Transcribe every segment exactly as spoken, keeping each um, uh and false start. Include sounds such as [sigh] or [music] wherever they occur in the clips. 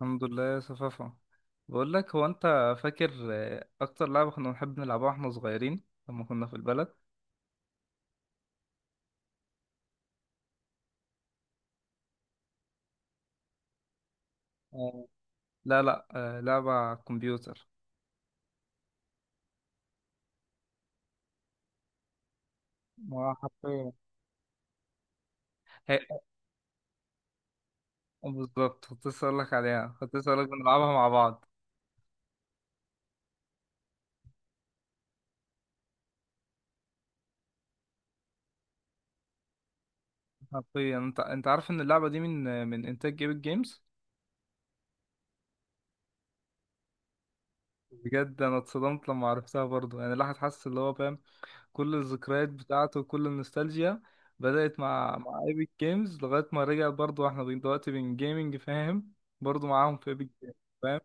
الحمد لله يا صفافة. بقول لك، هو انت فاكر آه، اكتر لعبة كنا بنحب نلعبها واحنا صغيرين لما كنا في البلد؟ آه، لا لا آه، لعبة على الكمبيوتر. ما حرفيا هي. بالظبط، كنت لسه اقول لك عليها، كنت لسه اقول لك بنلعبها مع بعض. حرفيا انت انت عارف ان اللعبة دي من آه، من انتاج جيبت جيمز؟ بجد انا اتصدمت لما عرفتها برضو. يعني الواحد حاسس اللي هو فاهم، كل الذكريات بتاعته وكل النوستالجيا بدأت مع مع ايبك جيمز. لغاية ما رجع برضو احنا بن- دلوقتي بين جيمنج، فاهم؟ برضو معاهم في ايبك جيمز، فاهم؟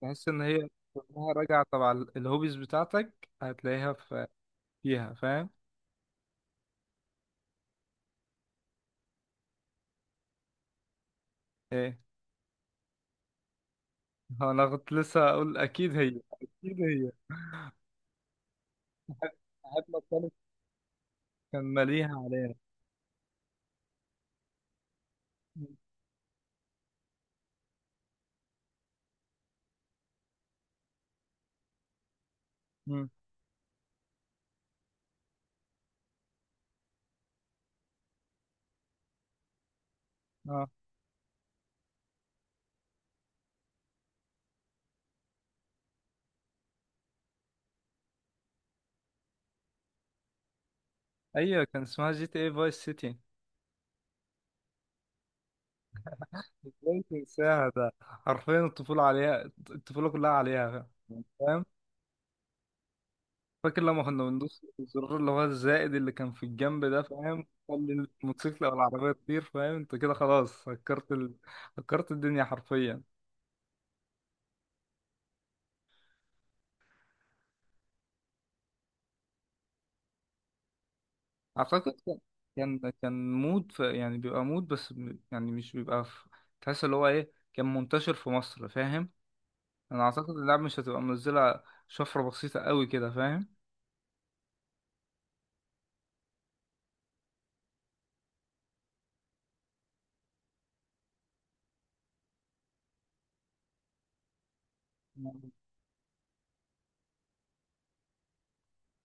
تحس ان هي كلها راجعة تبع ال- الهوبيز بتاعتك، هتلاقيها في فيها، فاهم؟ ايه، هو انا كنت لسه اقول اكيد هي، اكيد هي. حتى الثالث كان مليها علينا. مم. اه ايوه، كان اسمها جي تي اي فايس سيتي. ازاي تنساها؟ ده حرفيا الطفولة عليها، الطفولة كلها عليها، فاهم؟ فاكر لما كنا بندوس الزرار اللي هو الزائد اللي كان في الجنب ده، فاهم؟ خلي الموتوسيكل او العربيه تطير، فاهم؟ انت كده خلاص هكرت ال... هكرت الدنيا حرفيا. اعتقد كان كان كان مود ف... يعني بيبقى مود بس م- يعني مش بيبقى في... تحس اللي هو ايه، كان منتشر في مصر، فاهم؟ انا اعتقد اللعبه مش هتبقى منزله شفره بسيطه قوي كده، فاهم؟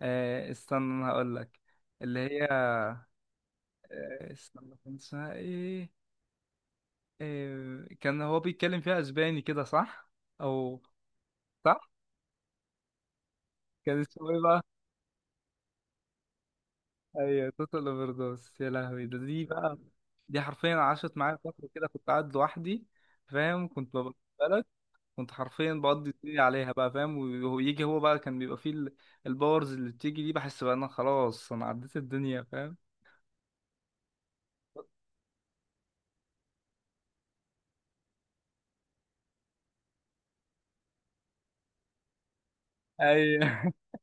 آه استنى انا هقول لك. اللي هي آه استنى، كان اسمها ايه؟ إيه، كان هو بيتكلم فيها اسباني كده، صح؟ او صح. كان اسمه ايه بقى؟ ايوه، توتال اوفر دوس. يا لهوي، ده دي بقى، دي حرفيا عاشت معايا فتره كده، كنت قاعد لوحدي، فاهم؟ كنت ببقى في بلد. كنت حرفيا بقضي الدنيا عليها بقى، فاهم؟ ويجي هو بقى، كان بيبقى فيه ال- الباورز اللي بتيجي دي، بحس بقى انا خلاص، انا عديت الدنيا، فاهم؟ ايوه. [laughs]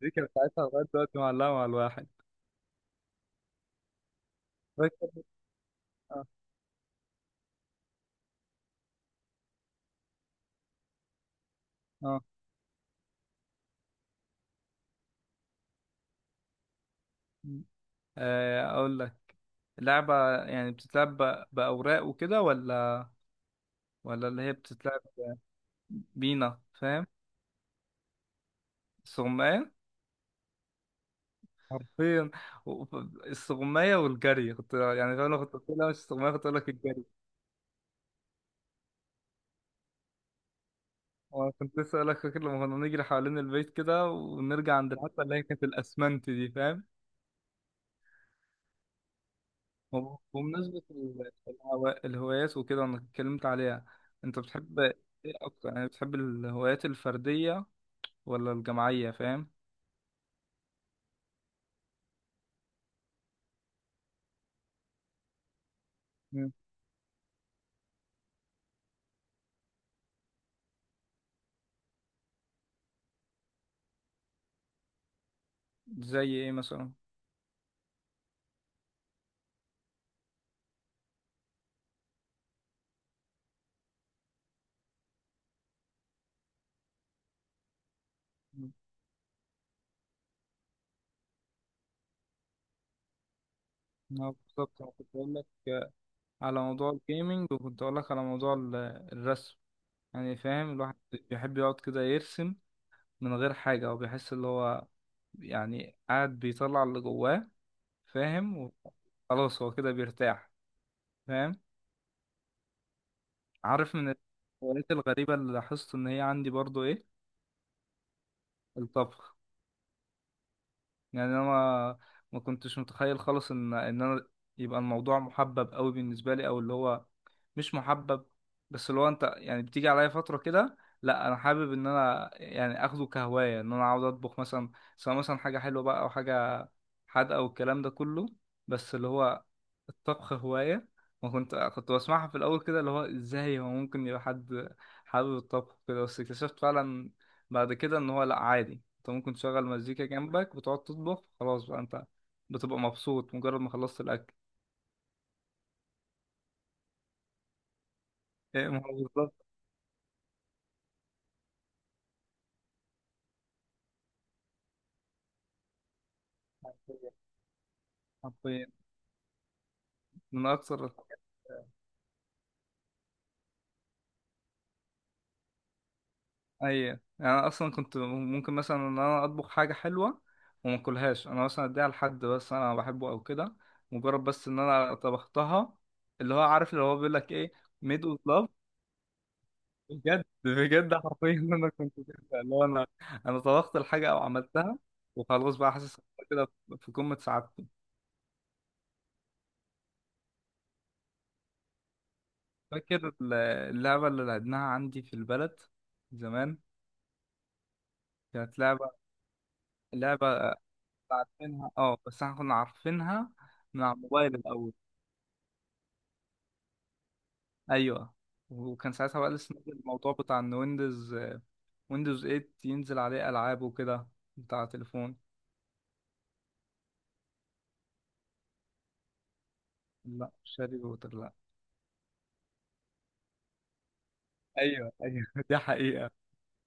دي كانت ساعتها لغايه دلوقتي معلقه مع الواحد. فاكر. اه. اه. آه، اقول لك، اللعبة يعني بتتلعب ب- بأوراق وكده، ولا ولا اللي هي بتتلعب بينا، فاهم؟ السغماية، حرفيا. و- السغماية والجري. كنت يعني فاهم، لو كنت قلت لها مش السغماية كنت أقول لك الجري. وأنا كنت لسه أقول لك، فاكر لما كنا نجري حوالين البيت كده، ونرجع عند الحتة اللي هي كانت الأسمنت دي، فاهم؟ وب- وبمناسبة ال- الهوا- الهوايات وكده، وأنا اتكلمت عليها، أنت بتحب إيه أكتر؟ يعني بتحب الهوايات الفردية ولا الجماعية، فاهم؟ مم. زي إيه مثلا؟ اه بالظبط، انا كنت بقول لك آه، على موضوع الجيمنج، وكنت اقول لك على موضوع ال- الرسم. يعني فاهم، الواحد بيحب يقعد كده يرسم من غير حاجة، وبيحس اللي هو يعني قاعد بيطلع اللي جواه، فاهم؟ وخلاص هو كده بيرتاح، فاهم؟ عارف من الهوايات الغريبة اللي لاحظت ان هي عندي برضو ايه؟ الطبخ. يعني انا ما ما كنتش متخيل خالص ان ان انا يبقى الموضوع محبب قوي بالنسبه لي، او اللي هو مش محبب. بس اللي هو انت يعني بتيجي عليا فتره كده، لا انا حابب ان انا يعني اخده كهوايه، ان انا عاوز اطبخ مثلا. سواء مثلا حاجه حلوه بقى، او حاجه حادقه، والكلام ده كله. بس اللي هو الطبخ هواية. وكنت كنت بسمعها في الأول كده، اللي هو إزاي هو ممكن يبقى حد حابب الطبخ كده. بس اكتشفت فعلا بعد كده إن هو لأ، عادي، أنت ممكن تشغل مزيكا جنبك وتقعد تطبخ. خلاص بقى أنت بتبقى مبسوط مجرد ما خلصت الأكل. إيه، ما هو بالظبط. حرفيا حرفياً. من أكثر الحاجات. اي، انا اصلا كنت ممكن مثلا ان انا اطبخ حاجه حلوه وما اكلهاش، انا مثلا اديها لحد بس انا بحبه او كده، مجرد بس ان انا طبختها. اللي هو عارف اللي هو بيقول لك ايه، ميد اوف لاف. بجد بجد حرفيا [laughs] إن انا كنت كده، اللي هو انا، انا طبخت الحاجه او عملتها، وخلاص بقى حاسس إن أنا كده في قمه سعادتي. فاكر اللعبه اللي لعبناها عندي في البلد زمان؟ كانت لعبه، لعبه عارفينها، اه بس احنا كنا عارفينها من على الموبايل الاول. ايوه، وكان ساعتها بقى لسه نازل الموضوع بتاع ان ويندوز ويندوز تمانية ينزل عليه العاب وكده، بتاع تليفون. لا مش هاري بوتر، لا. ايوه ايوه [laughs] دي حقيقة،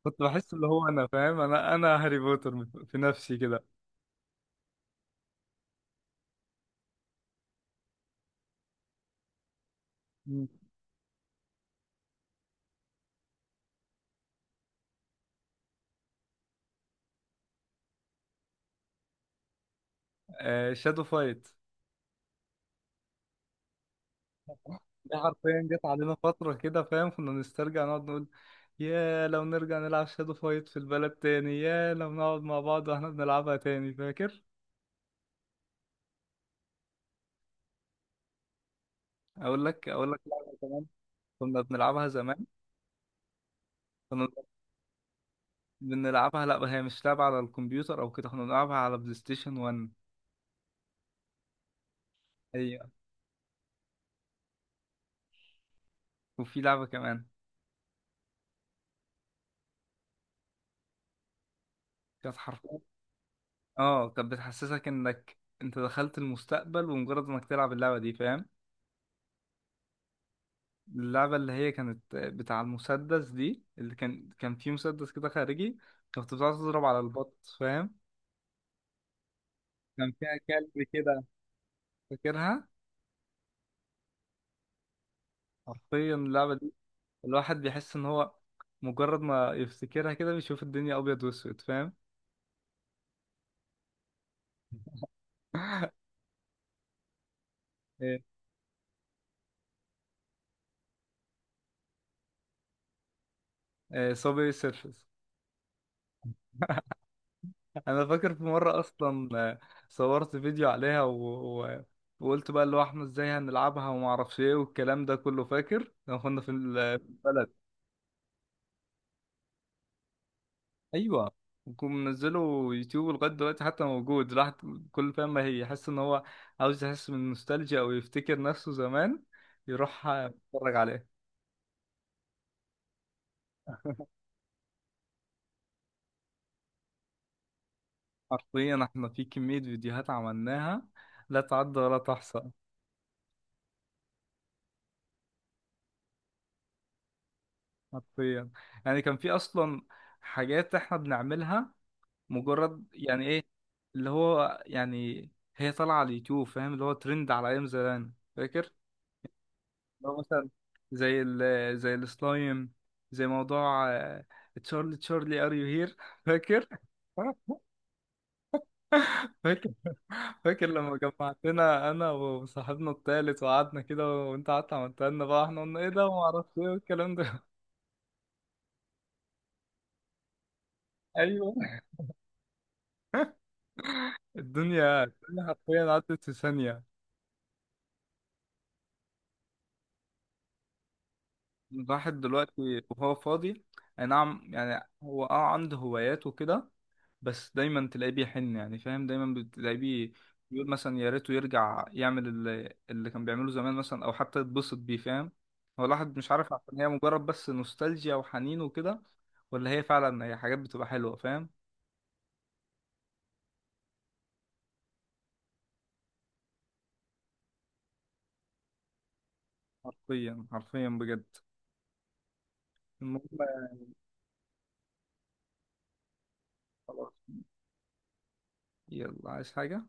كنت بحس اللي هو انا فاهم، انا انا هاري بوتر في نفسي كده. مم. آه شادو فايت. دي حرفيا جت علينا فترة كده، فاهم؟ كنا نسترجع، نقعد نقول يا لو نرجع نلعب شادو فايت في البلد تاني، يا لو نقعد مع بعض واحنا بنلعبها تاني، فاكر؟ اقول لك، اقول لك لعبة كمان كنا بنلعبها زمان. كنا بنلعبها، لا هي مش لعبة على الكمبيوتر او كده، احنا بنلعبها على بلاي ستيشن واحد. هي. وفي لعبة كمان كانت حرفيا، اه، كانت بتحسسك انك انت دخلت المستقبل ومجرد انك تلعب اللعبة دي، فاهم؟ اللعبة اللي هي كانت بتاع المسدس دي، اللي كان كان فيه مسدس كده خارجي، كنت بتقعد تضرب على البط، فاهم؟ كان فيها كلب كده، فاكرها؟ حرفيا اللعبة دي الواحد بيحس ان هو مجرد ما يفتكرها كده بيشوف الدنيا ابيض واسود، فاهم؟ ايه، صابي سيرفس. انا فاكر في مره اصلا آه، صورت فيديو عليها، و... و... وقلت بقى اللي هو احنا ازاي هنلعبها وما اعرفش ايه والكلام ده كله، فاكر لما كنا في ال- في البلد؟ ايوه، وكنت منزله يوتيوب لغايه دلوقتي حتى، موجود. الواحد كل فاهم، ما هي يحس ان هو عاوز يحس من النوستالجيا او يفتكر نفسه زمان، يروح آه، يتفرج عليه. حرفيا احنا في كميه فيديوهات عملناها لا تعد ولا تحصى. حرفيا، يعني كان في اصلا حاجات احنا بنعملها مجرد يعني ايه، اللي هو يعني هي طالعه على اليوتيوب، فاهم؟ اللي هو ترند على ايام زمان، فاكر؟ اللي هو مثلا زي ال زي السلايم، زي موضوع آه، تشارلي تشارلي ار يو هير. [laughs] فاكر؟ فاكر، فاكر لما جمعتنا انا وصاحبنا التالت، وقعدنا كده وانت قعدت عملتها لنا بقى، احنا قلنا ايه ده وما اعرفش ايه والكلام ده. [laughs] ايوه، الدنيا، الدنيا حرفيا عدت في ثانيه. الواحد دلوقتي وهو فاضي، اي نعم يعني هو اه عنده هوايات وكده، بس دايما تلاقيه بيحن، يعني فاهم، دايما بتلاقيه بي- بيقول مثلا يا ريته يرجع يعمل اللي, اللي كان بيعمله زمان مثلا، او حتى يتبسط بيه، فاهم؟ هو الواحد مش عارف عشان هي مجرد بس نوستالجيا وحنين وكده، ولا هي فعلا هي حاجات بتبقى حلوة، فاهم؟ حرفيا حرفيا بجد. المهم، خلاص، يلا، عايز حاجة؟